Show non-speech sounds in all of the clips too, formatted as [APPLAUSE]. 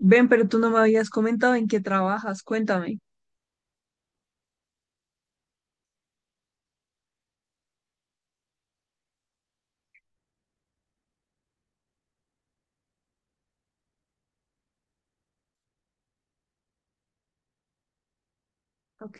Ven, pero tú no me habías comentado en qué trabajas, cuéntame. Ok,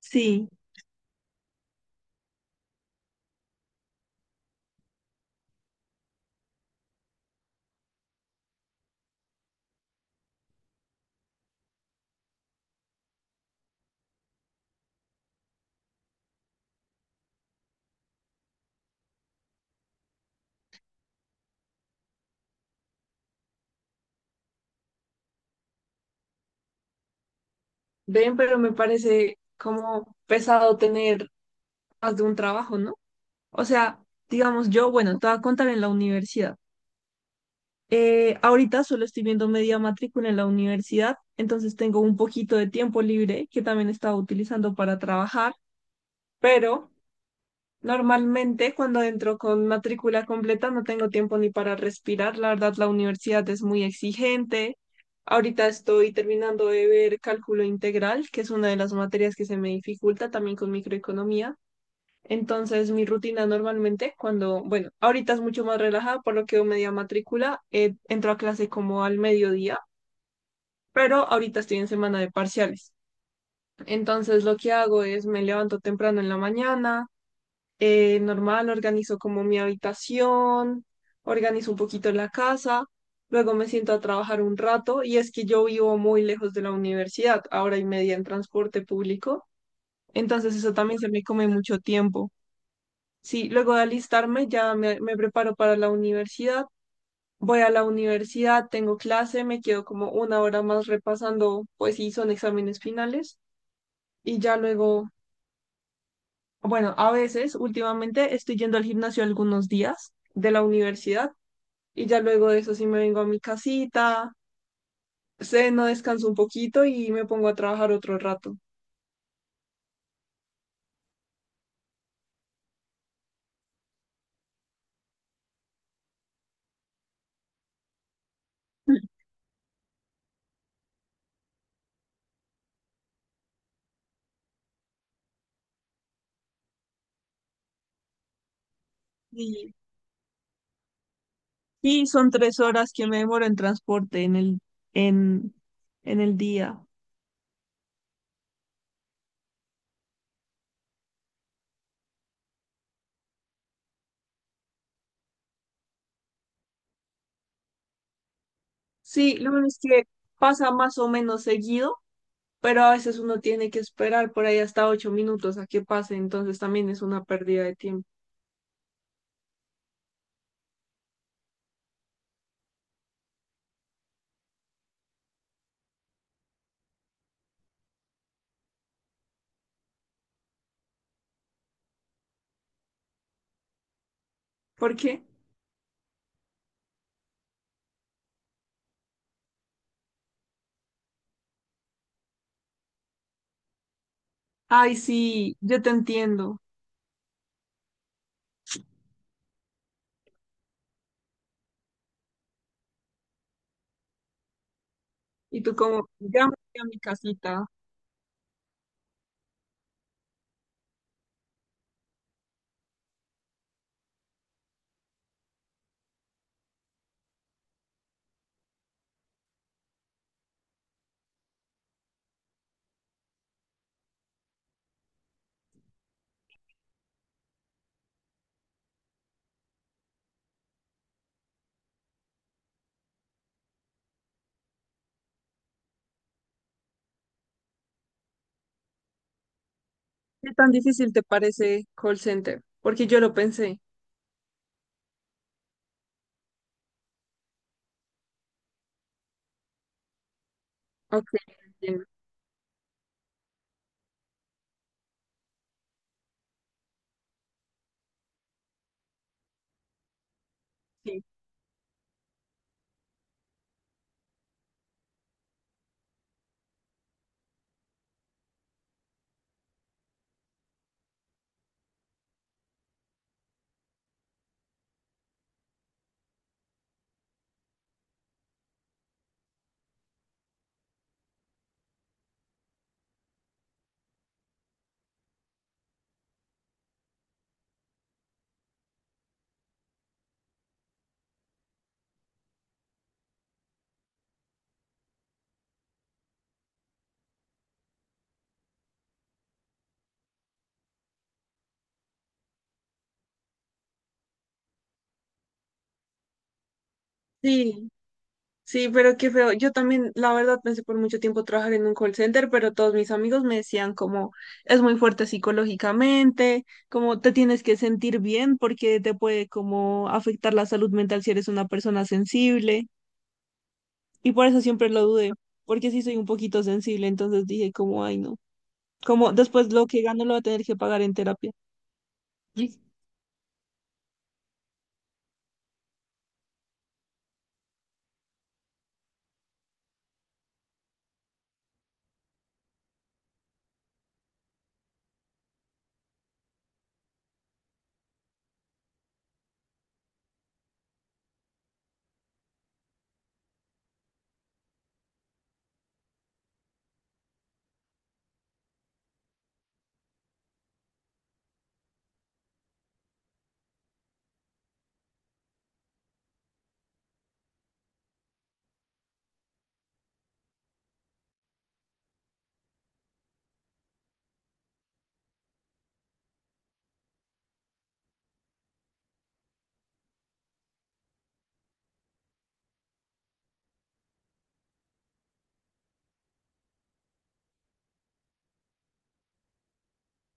sí, ven, pero me parece como pesado tener más de un trabajo, ¿no? O sea, digamos, yo, bueno, te voy a contar en la universidad. Ahorita solo estoy viendo media matrícula en la universidad, entonces tengo un poquito de tiempo libre que también estaba utilizando para trabajar, pero normalmente cuando entro con matrícula completa no tengo tiempo ni para respirar. La verdad, la universidad es muy exigente. Ahorita estoy terminando de ver cálculo integral, que es una de las materias que se me dificulta también con microeconomía. Entonces, mi rutina normalmente cuando, bueno, ahorita es mucho más relajada, por lo que yo media matrícula, entro a clase como al mediodía, pero ahorita estoy en semana de parciales. Entonces, lo que hago es me levanto temprano en la mañana, normal, organizo como mi habitación, organizo un poquito la casa, luego me siento a trabajar un rato y es que yo vivo muy lejos de la universidad, ahora y media en transporte público, entonces eso también se me come mucho tiempo. Sí, luego de alistarme ya me preparo para la universidad, voy a la universidad, tengo clase, me quedo como una hora más repasando, pues sí, son exámenes finales y ya luego, bueno, a veces, últimamente estoy yendo al gimnasio algunos días de la universidad y ya luego de eso sí me vengo a mi casita, ceno, descanso un poquito y me pongo a trabajar otro rato. [LAUGHS] Y, y son 3 horas que me demoro en transporte en en, el día. Sí, lo bueno es que pasa más o menos seguido, pero a veces uno tiene que esperar por ahí hasta 8 minutos a que pase, entonces también es una pérdida de tiempo. ¿Por qué? Ay, sí, yo te entiendo. Y tú como, ya me voy a mi casita. ¿Qué tan difícil te parece call center? Porque yo lo pensé. Ok, entiendo. Sí, sí, sí, pero qué feo. Yo también, la verdad, pensé por mucho tiempo trabajar en un call center, pero todos mis amigos me decían como, es muy fuerte psicológicamente, como te tienes que sentir bien porque te puede como afectar la salud mental si eres una persona sensible. Y por eso siempre lo dudé, porque sí soy un poquito sensible, entonces dije como, ay, no. Como después lo que gano lo voy a tener que pagar en terapia.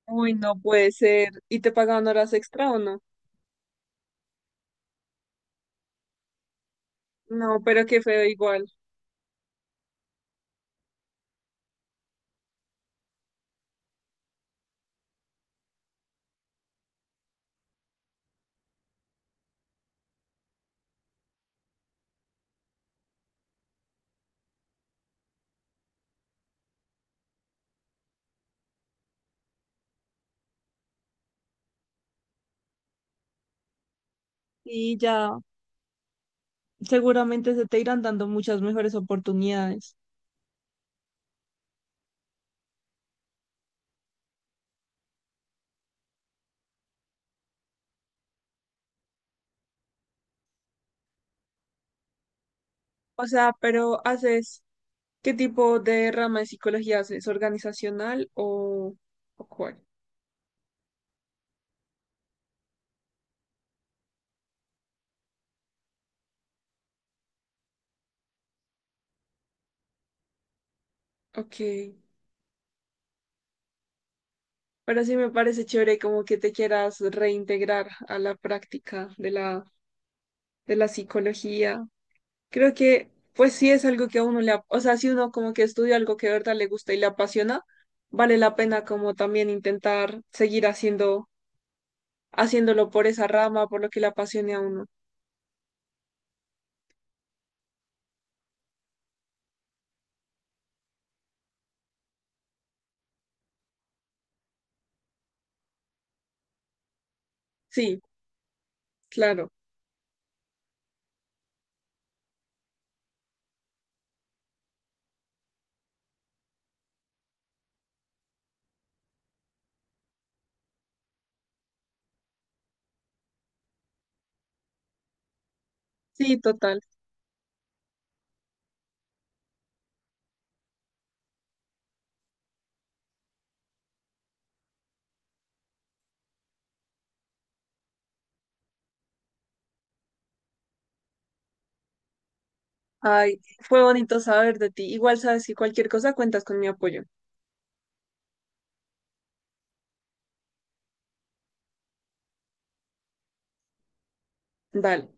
Uy, no puede ser. ¿Y te pagaban horas extra o no? No, pero qué feo igual. Y ya seguramente se te irán dando muchas mejores oportunidades. O sea, pero haces, ¿qué tipo de rama de psicología haces? ¿Organizacional o cuál? Ok. Pero sí me parece chévere como que te quieras reintegrar a la práctica de la psicología. Creo que, pues sí es algo que a uno le, o sea, si uno como que estudia algo que de verdad le gusta y le apasiona, vale la pena como también intentar seguir haciendo, haciéndolo por esa rama, por lo que le apasione a uno. Sí, claro. Sí, total. Ay, fue bonito saber de ti. Igual sabes si cualquier cosa cuentas con mi apoyo. Dale.